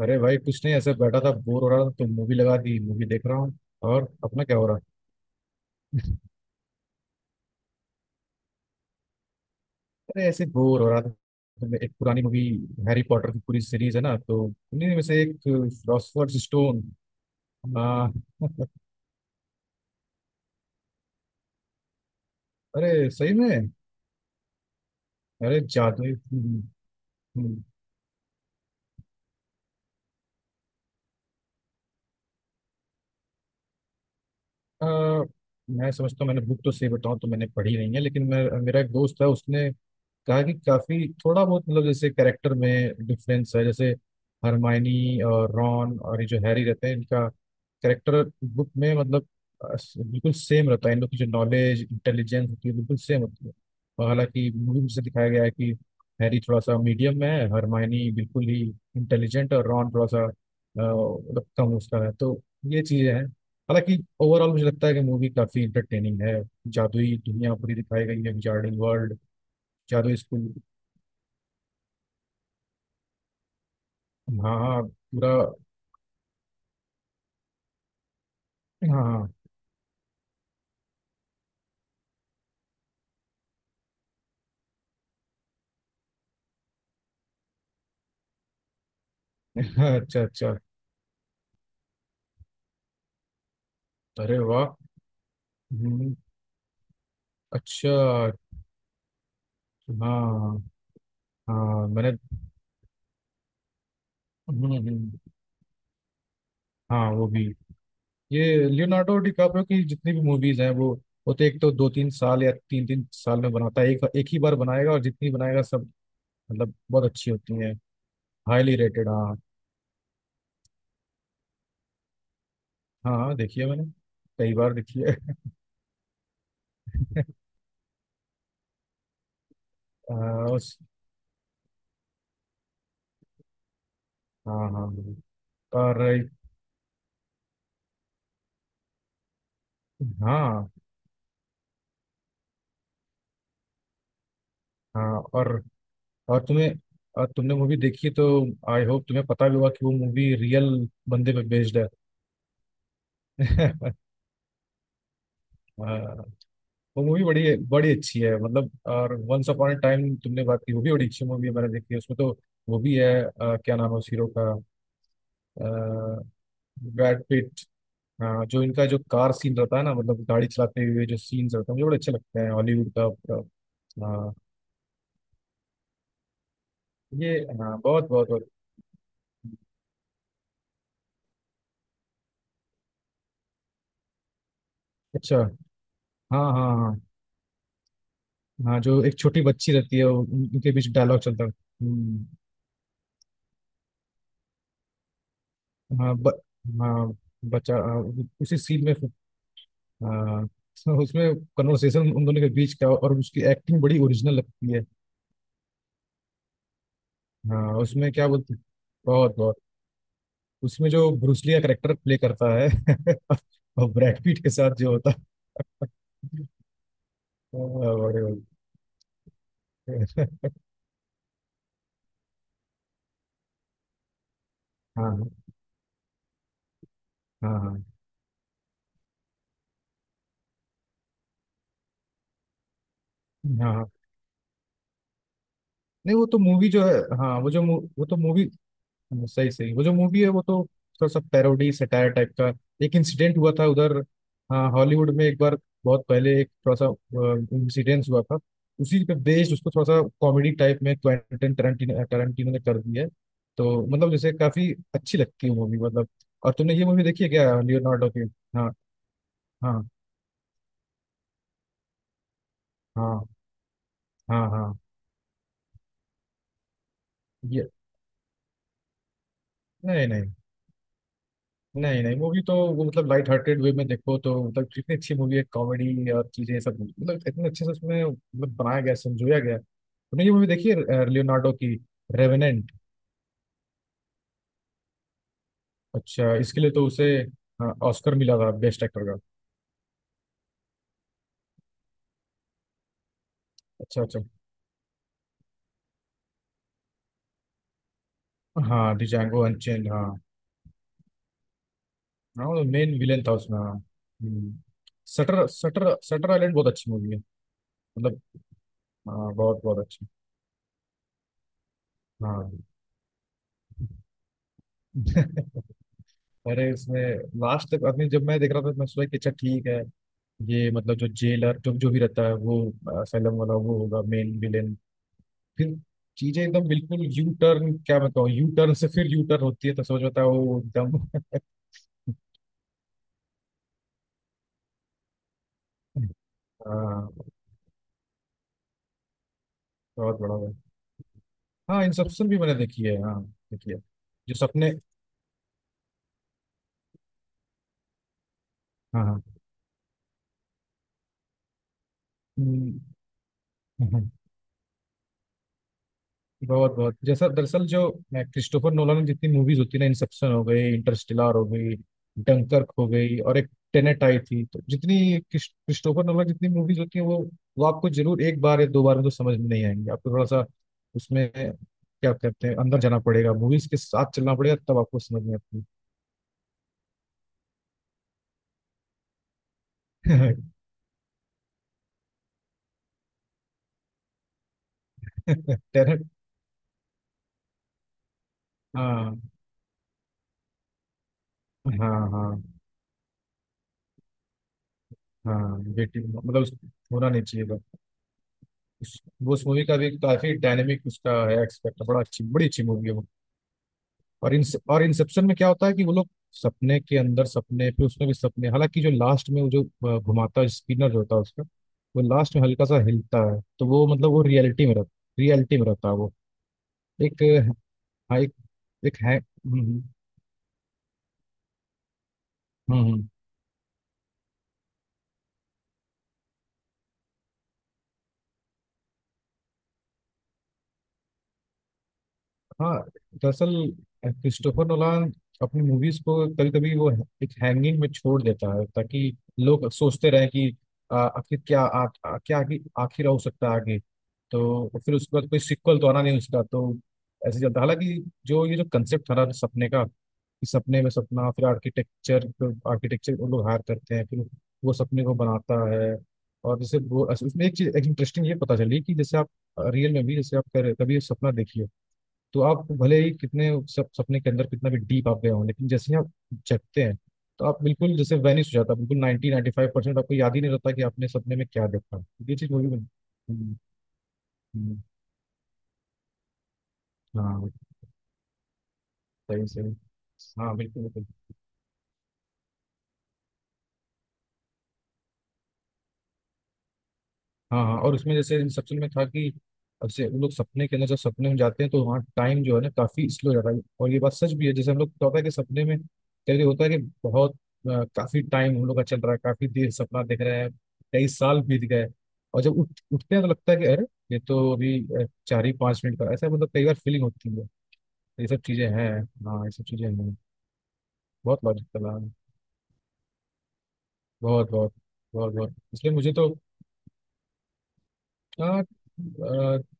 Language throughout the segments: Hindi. अरे भाई कुछ नहीं, ऐसे बैठा था, बोर हो रहा था तो मूवी लगा दी। मूवी देख रहा हूँ। और अपना क्या हो रहा। अरे ऐसे बोर हो रहा था तो मैं एक पुरानी मूवी, हैरी पॉटर की पूरी सीरीज है ना, तो उन्हीं में से एक फिलोसफर्स स्टोन। आ, अरे सही में। अरे जादू। अ, मैं समझता हूँ, मैंने बुक तो सही बताऊँ तो मैंने पढ़ी नहीं है, लेकिन मैं मेरा एक दोस्त है, उसने कहा कि काफी थोड़ा बहुत मतलब जैसे कैरेक्टर में डिफरेंस है। जैसे हरमाइनी और रॉन और ये जो हैरी रहते हैं, इनका कैरेक्टर बुक में मतलब बिल्कुल सेम रहता है। इन लोग की जो नॉलेज इंटेलिजेंस होती है बिल्कुल सेम होती है। और हालांकि मूवी में से दिखाया गया है कि हैरी थोड़ा सा मीडियम में है, हरमाइनी बिल्कुल ही इंटेलिजेंट, और रॉन थोड़ा सा मतलब कम उसका है। तो ये चीजें हैं। हालांकि ओवरऑल मुझे लगता है कि मूवी काफी इंटरटेनिंग है। जादुई दुनिया पूरी दिखाई गई है, विजार्डिंग वर्ल्ड, जादुई स्कूल। हाँ हाँ पूरा। हाँ। हाँ, अच्छा अच्छा। अरे वाह। हम्म, अच्छा। हाँ हाँ मैंने। हम्म, हम्म, हाँ वो भी। ये लियोनार्डो डिकाप्रियो की जितनी भी मूवीज हैं, वो तो एक तो दो तीन साल या तीन तीन साल में बनाता है, एक एक ही बार बनाएगा, और जितनी बनाएगा सब मतलब बहुत अच्छी होती है। हाईली रेटेड हाँ। हाँ देखिए, मैंने कई बार देखी है। आ, उस। हाँ हाँ। और हाँ हाँ और तुम्हें और तुमने मूवी देखी तो आई होप तुम्हें पता भी होगा कि वो मूवी रियल बंदे पे बेस्ड है। आ, वो मूवी बड़ी बड़ी अच्छी है मतलब। और वंस अपॉन अ टाइम तुमने बात की, वो भी बड़ी अच्छी मूवी है, मैंने देखी है उसमें तो। वो भी है। क्या नाम है उस हीरो का। Brad Pitt. हाँ, जो इनका जो कार सीन रहता है ना, मतलब गाड़ी चलाते हुए जो सीन्स रहते हैं मुझे बड़े अच्छे लगते हैं हॉलीवुड का पूरा। हाँ ये हाँ बहुत बहुत बहुत। अच्छा। हाँ हाँ हाँ। हाँ जो एक छोटी बच्ची रहती है उनके बीच डायलॉग चलता है। हाँ ब, हाँ बच्चा, हाँ, उसी सीन में। हाँ। तो उसमें कन्वर्सेशन उन दोनों के बीच का और उसकी एक्टिंग बड़ी ओरिजिनल लगती है। हाँ उसमें क्या बोलते। बहुत बहुत। उसमें जो ब्रूसली का करेक्टर प्ले करता है और ब्रैड पीट के साथ जो होता है। हाँ, बड़े बड़े। हाँ हाँ हाँ हाँ हाँ। नहीं, वो तो मूवी जो है, हाँ, वो जो वो तो मूवी, हाँ, सही सही, वो जो मूवी है वो तो थोड़ा सा पैरोडी सटायर टाइप का। एक इंसिडेंट हुआ था उधर। हाँ, हॉलीवुड में एक बार बहुत पहले एक थोड़ा सा इंसिडेंट हुआ था, उसी पे बेस्ड उसको थोड़ा सा कॉमेडी टाइप में क्वेंटिन टरंटिनो टरंटिनो ने कर दिया है। तो मतलब जैसे काफी अच्छी लगती है मूवी मतलब। और तुमने ये मूवी देखी है क्या लियोनार्डो की। हाँ हाँ हाँ हाँ हाँ ये। नहीं नहीं। नहीं नहीं, मूवी तो वो मतलब लाइट हार्टेड वे में देखो तो मतलब कितनी अच्छी मूवी है, कॉमेडी और चीजें सब मतलब इतने अच्छे से उसमें मतलब बनाया गया समझोया गया। तुमने ये मूवी देखी है लियोनार्डो की, रेवेनेंट। अच्छा, इसके लिए तो उसे ऑस्कर मिला था बेस्ट एक्टर का। अच्छा अच्छा। हाँ डिजांगो अनचेन हाँ। हाँ वो मेन विलेन था उसमें हाँ। हम्म। सटर सटर सटर आइलैंड बहुत अच्छी मूवी है मतलब। हाँ बहुत बहुत अच्छी। हाँ। अरे उसमें लास्ट तक, अभी जब मैं देख रहा था, मैं सोचा कि अच्छा ठीक है, ये मतलब जो जेलर जो जो भी रहता है, वो असलम वाला वो होगा मेन विलेन। फिर चीजें एकदम बिल्कुल यू टर्न, क्या मैं कहूँ, यू टर्न से फिर यू टर्न होती है, तो समझ में आता है वो एकदम। हाँ बहुत बड़ा हुआ। हाँ इंसेप्शन भी मैंने देखी है हाँ। देखी है। जो सपने। हाँ हाँ। हम्म, हम्म, हम्म। बहुत बहुत, जैसा दरअसल जो क्रिस्टोफर नोलन की जितनी मूवीज होती है ना, इंसेप्शन हो गई, इंटरस्टेलर हो गई, डंकर्क हो गई, और एक टेनेट आई थी, तो जितनी क्रिस्टोफर नोलन की जितनी मूवीज होती हैं वो आपको जरूर एक बार या दो बार में तो समझ में नहीं आएंगे, आपको थोड़ा सा उसमें क्या कहते हैं अंदर जाना पड़ेगा, मूवीज के साथ चलना पड़ेगा, तब आपको समझ में आती है। टेनेट। हाँ हाँ हाँ। हाँ बेटी मतलब होना नहीं चाहिए था। उस मूवी का भी काफी डायनेमिक उसका है एक्सपेक्ट, बड़ा अच्छी बड़ी अच्छी मूवी है वो। और इन और इंसेप्शन में क्या होता है कि वो लोग सपने के अंदर सपने फिर उसमें भी सपने, हालांकि जो लास्ट में वो जो घुमाता है स्पिनर जो होता है उसका, वो लास्ट में हल्का सा हिलता है तो वो मतलब वो रियलिटी में रहता, रियलिटी में रहता है वो। एक हाँ, एक, एक है। हम्म, हम्म। हाँ दरअसल क्रिस्टोफर नोलान अपनी मूवीज को कभी कभी वो एक हैंगिंग में छोड़ देता है, ताकि लोग सोचते रहे कि आखिर क्या आ, आ, क्या आगे आखिर हो सकता है आगे। तो फिर उसके बाद कोई सिक्वल तो आना नहीं उसका, तो ऐसे चलता। हालांकि जो ये जो कंसेप्ट था ना सपने का, कि सपने में सपना फिर आर्किटेक्चर, आर्किटेक्चर वो लोग हायर करते हैं, फिर वो सपने को बनाता है। और जैसे वो उसमें एक चीज एक इंटरेस्टिंग ये पता चली कि जैसे आप रियल में भी जैसे आप कभी सपना देखिए, तो आप भले ही कितने सपने के अंदर कितना भी डीप आप गए हो, लेकिन जैसे ही आप जगते हैं, तो आप बिल्कुल जैसे वैनिश हो जाता है, बिल्कुल 90 नाइन्टी फाइव परसेंट आपको याद ही नहीं रहता कि आपने सपने में क्या देखा। ये चीज़ मूवी में। हम्म, हाँ सही सही। हाँ बिल्कुल बिल्कुल। हाँ हाँ और उसमें जैसे इंसेप्शन में था कि अब से उन लोग सपने के अंदर जब सपने में जाते हैं तो वहाँ टाइम जो है ना काफी स्लो जाता है, और ये बात सच भी है, जैसे हम लोग को होता है कि सपने में कई बार होता है कि बहुत काफी टाइम हम लोग का चल रहा है, काफी देर सपना देख रहे हैं, कई साल बीत गए, और जब उठ उठते हैं तो लगता है कि अरे ये तो अभी चार ही पाँच मिनट का, ऐसा मतलब कई बार फीलिंग होती है। ये सब चीजें हैं। हाँ ये सब चीजें हैं। बहुत लॉजिक चला है। बहुत बहुत, बहुत बहुत इसलिए मुझे तो। हाँ,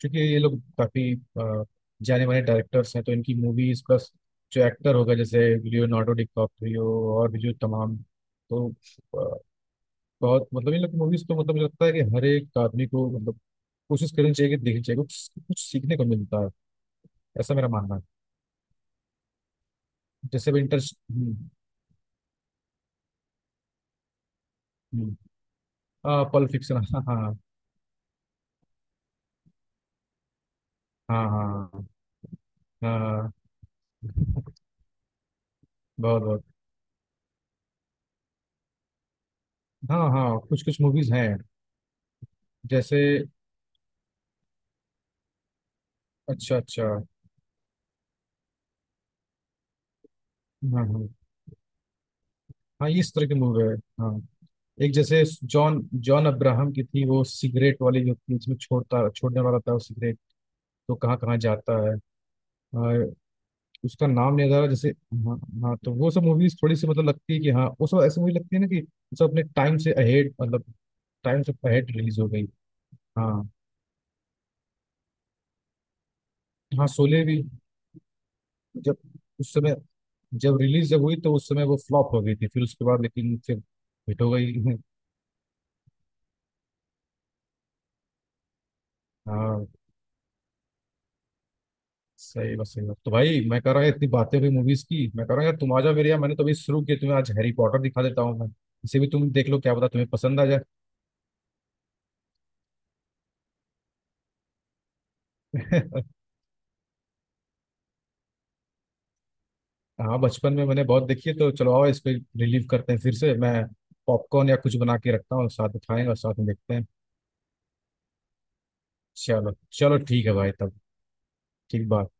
चूंकि ये लोग काफी जाने माने डायरेक्टर्स हैं, तो इनकी मूवीज प्लस जो एक्टर होगा जैसे लियोनार्डो डिकैप्रियो और भी जो तमाम, तो बहुत मतलब इन लोग की मूवीज तो मतलब मुझे लगता है कि हर एक आदमी को मतलब कोशिश करनी चाहिए कि देखनी चाहिए, कुछ कुछ सीखने को मिलता है, ऐसा मेरा मानना है। जैसे भी इंटर। हाँ पल्प फिक्शन हाँ हाँ हाँ। हाँ हाँ, बहुत बहुत। हाँ हाँ कुछ कुछ मूवीज हैं। जैसे। अच्छा अच्छा। हाँ हाँ हाँ ये इस तरह के मूवी है। हाँ। एक जैसे जॉन, जॉन अब्राहम की थी वो सिगरेट वाली जो थी, जिसमें छोड़ता, छोड़ने वाला था वो सिगरेट, तो कहाँ कहाँ जाता है। और उसका नाम नहीं आ रहा जैसे। हाँ। हाँ तो वो सब मूवीज थोड़ी सी मतलब लगती है कि हाँ वो सब ऐसी मूवी लगती है ना, कि वो सब अपने टाइम से अहेड मतलब, टाइम से अहेड रिलीज हो गई। हाँ। हाँ शोले भी, जब उस समय जब रिलीज जब हुई तो उस समय वो फ्लॉप हो गई थी, फिर उसके बाद लेकिन फिर हिट हो गई। हाँ सही बात सही बात। तो भाई, मैं कह रहा है इतनी बातें हुई मूवीज की, मैं कह रहा हूँ यार तुम आ जाओ मेरे यहाँ, मैंने तो अभी शुरू किया, तुम्हें आज हैरी पॉटर दिखा देता हूँ मैं, इसे भी तुम देख लो, क्या पता तुम्हें पसंद आ जाए। हाँ बचपन में मैंने बहुत देखी है, तो चलो आओ इस पे रिलीव करते हैं फिर से, मैं पॉपकॉर्न या कुछ बना के रखता हूँ, साथ में खाएंगे और साथ में देखते हैं। चलो चलो ठीक है भाई तब। ठीक बात।